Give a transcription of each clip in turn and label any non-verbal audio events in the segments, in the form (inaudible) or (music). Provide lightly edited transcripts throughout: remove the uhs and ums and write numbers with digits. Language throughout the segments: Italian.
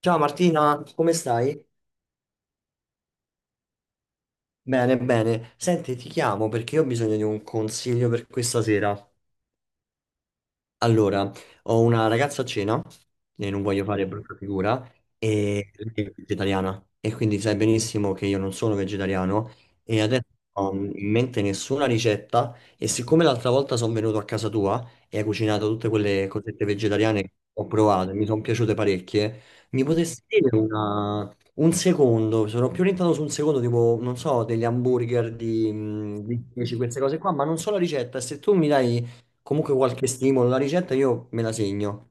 Ciao Martina, come stai? Bene, bene. Senti, ti chiamo perché io ho bisogno di un consiglio per questa sera. Allora, ho una ragazza a cena e non voglio fare brutta figura, e lei è vegetariana e quindi sai benissimo che io non sono vegetariano e adesso non ho in mente nessuna ricetta e siccome l'altra volta sono venuto a casa tua e hai cucinato tutte quelle cosette vegetariane che ho provato e mi sono piaciute parecchie, mi potresti dire un secondo, sono più orientato su un secondo, tipo, non so, degli hamburger di 10, queste cose qua, ma non so la ricetta, e se tu mi dai. Comunque qualche stimolo, la ricetta io me la segno.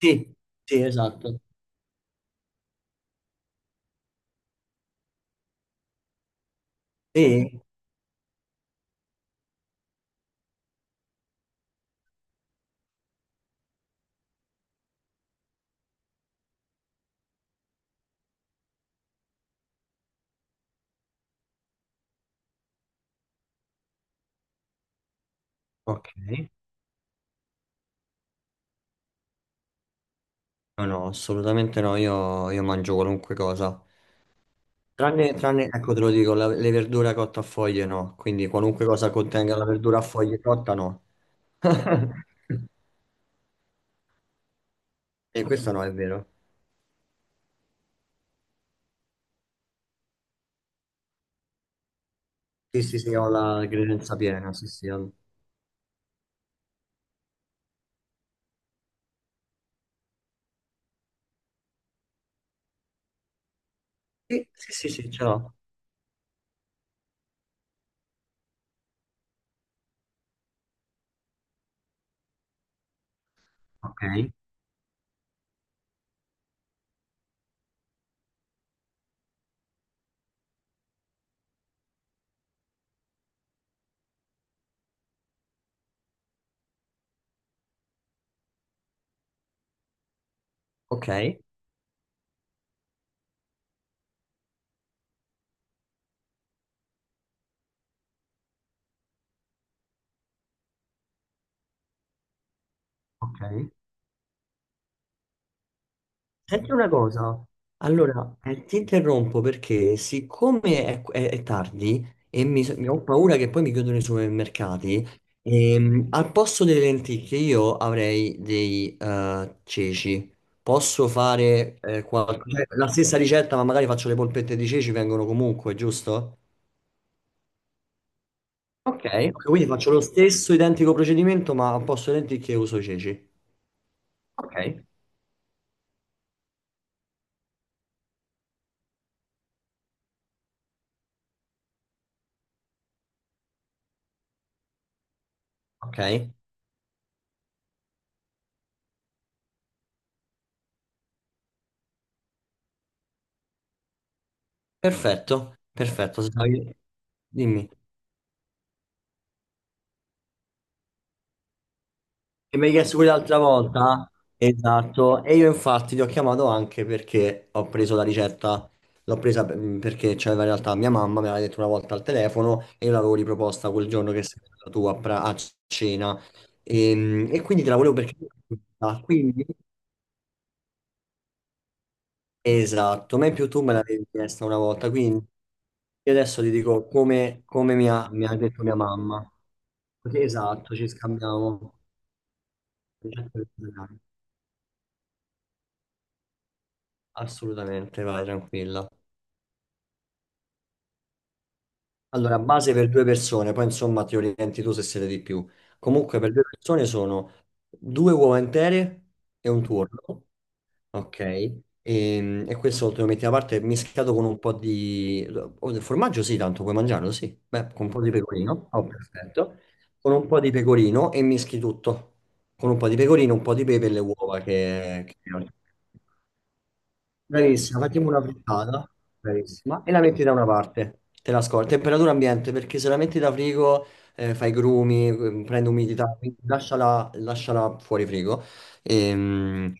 Sì, sì, esatto. Sì? Ok. No, no, assolutamente no, io mangio qualunque cosa. Tranne, tranne, ecco te lo dico, le verdure cotte a foglie no, quindi qualunque cosa contenga la verdura a foglie cotta no. (laughs) E questo no, è vero. Sì, sì, sì, ho la credenza piena, sì, sì, sì, sì, sì, sì, ce l'ho. Ok, ok, ok. Senti una cosa, allora ti interrompo perché siccome è tardi e mi ho paura che poi mi chiudono i supermercati, al posto delle lenticchie io avrei dei ceci. Posso fare la stessa ricetta, ma magari faccio le polpette di ceci, vengono comunque, giusto? Ok, ok, quindi faccio lo stesso identico procedimento, ma al posto delle lenticchie uso i ceci. Ok, ok, perfetto, perfetto. Dimmi. E mi hai chiesto quell'altra volta? Esatto, e io infatti ti ho chiamato anche perché ho preso la ricetta, l'ho presa perché c'aveva in realtà mia mamma, me l'aveva detto una volta al telefono e io l'avevo riproposta quel giorno che sei stata tu a cena e quindi te la volevo perché... Ah, esatto, ma in più tu me l'avevi chiesta una volta, quindi io adesso ti dico come mi ha detto mia mamma. Così, esatto, ci scambiamo. Assolutamente, vai tranquilla. Allora, base per due persone, poi insomma ti orienti tu se siete di più. Comunque per due persone sono due uova intere e un tuorlo, ok? E questo te lo metti da parte mischiato con un po' di... o del formaggio sì, tanto puoi mangiarlo, sì. Beh, con un po' di pecorino, oh, perfetto. Con un po' di pecorino e mischi tutto. Con un po' di pecorino, un po' di pepe e le uova che... Bravissima, facciamo una frittata, bravissima, e la metti da una parte, te la scordi, temperatura ambiente, perché se la metti da frigo, fai grumi, prende umidità, quindi lasciala fuori frigo. Ehm,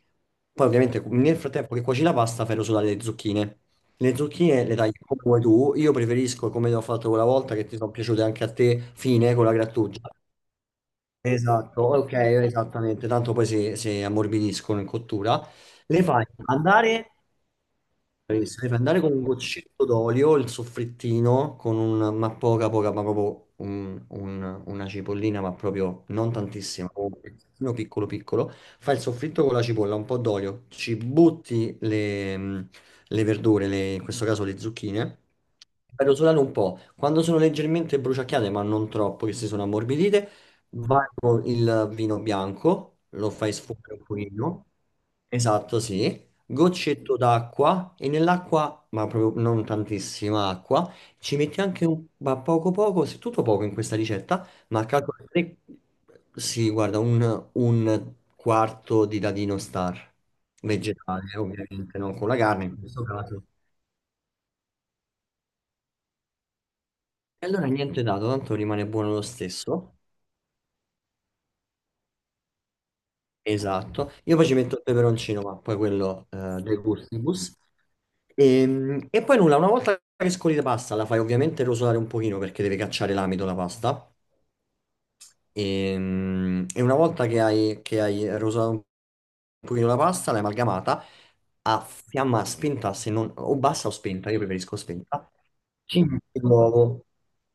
Poi ovviamente nel frattempo che cuoci la pasta fai rosolare le zucchine. Le zucchine le tagli come vuoi tu, io preferisco come ho fatto quella volta che ti sono piaciute anche a te, fine con la grattugia. Esatto, ok, esattamente, tanto poi si ammorbidiscono in cottura. Le fai andare quindi se devi andare con un goccetto d'olio, il soffrittino, con ma poca, poca, ma proprio una cipollina, ma proprio non tantissima, un pezzettino piccolo piccolo, fai il soffritto con la cipolla, un po' d'olio, ci butti le verdure, in questo caso le zucchine, fai rosolare un po', quando sono leggermente bruciacchiate, ma non troppo, che si sono ammorbidite, vai con il vino bianco, lo fai sfumare un pochino, esatto, sì, goccetto d'acqua e nell'acqua, ma proprio non tantissima acqua, ci metti anche ma poco poco, se tutto poco in questa ricetta, ma calcola tre, sì, guarda, un quarto di dadino star, vegetale, ovviamente, non con la carne in questo caso. E allora niente dato, tanto rimane buono lo stesso. Esatto, io poi ci metto il peperoncino, ma poi quello dei gustibus. E poi nulla, una volta che scoli la pasta, la fai ovviamente rosolare un pochino perché deve cacciare l'amido la pasta. E una volta che che hai rosato un pochino la pasta, l'hai amalgamata a fiamma spenta, se non, o bassa o spenta, io preferisco spenta. Ci metti l'uovo.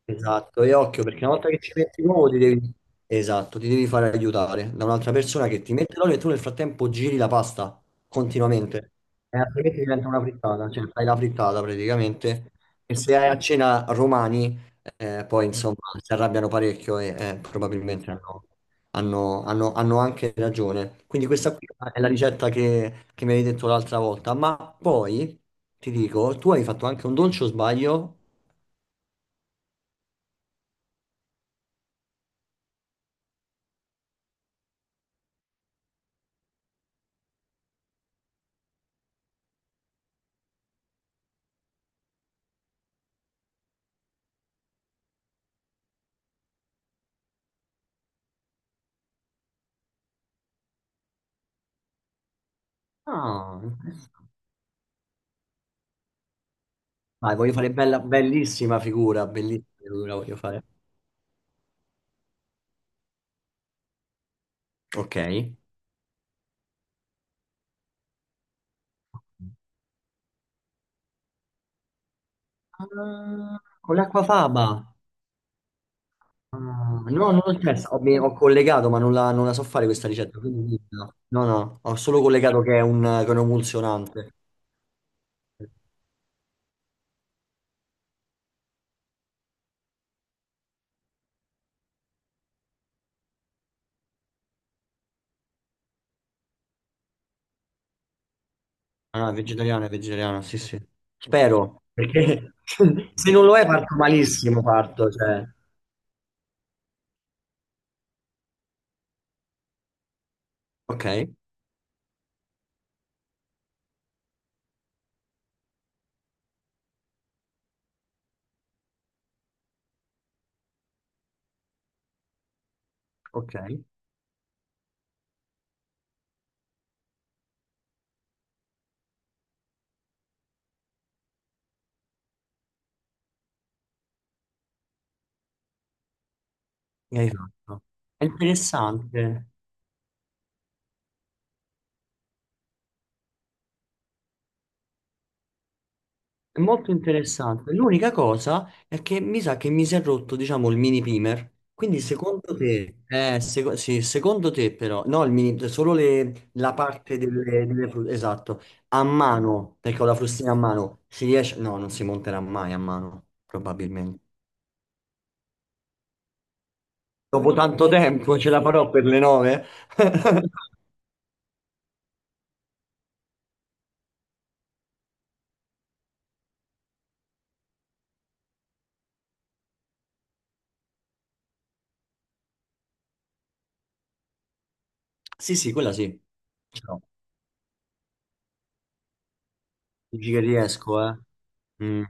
Esatto, e occhio perché una volta che ci metti l'uovo ti devi... Esatto, ti devi fare aiutare da un'altra persona che ti mette l'olio e tu nel frattempo giri la pasta continuamente. E altrimenti diventa una frittata, cioè fai la frittata praticamente. E se hai a cena romani... Poi insomma si arrabbiano parecchio e probabilmente hanno anche ragione. Quindi questa qui è la ricetta che mi avevi detto l'altra volta, ma poi ti dico, tu hai fatto anche un dolce o sbaglio? Ah, vai, voglio fare bella, bellissima figura voglio fare. Ok. Ah, con l'acquafaba. Ah, no, non l'ho chiesto, ho collegato, ma non la so fare questa ricetta. Quindi no, no, no, ho solo collegato che è un emulsionante. Ah, no, è vegetariana, sì, sì. Spero, perché (laughs) se non lo è parto malissimo, parto, cioè. Ok, ok, mi hai fatto. È interessante. È molto interessante. L'unica cosa è che mi sa che mi si è rotto, diciamo, il mini primer. Quindi secondo te, sì, secondo te però, no, il mini, solo la parte esatto, a mano, perché ho la frustina a mano, si riesce, no, non si monterà mai a mano, probabilmente. Dopo tanto tempo ce la farò per le 9? (laughs) Sì, sì, quella sì. Ciao. Dici che riesco, eh. Mm.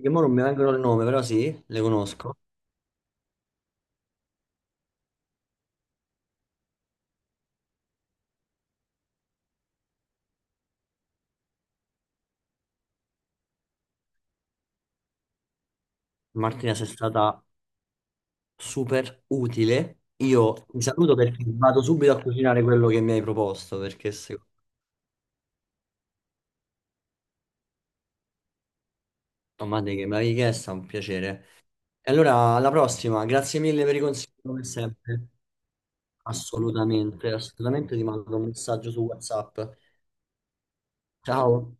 Che mo non mi vengono il nome, però sì, le conosco. Martina, sei stata super utile. Io ti saluto perché vado subito a cucinare quello che mi hai proposto, perché secondo me che me l'hai chiesto è un piacere. E allora, alla prossima, grazie mille per i consigli come sempre. Assolutamente, assolutamente ti mando un messaggio su WhatsApp. Ciao.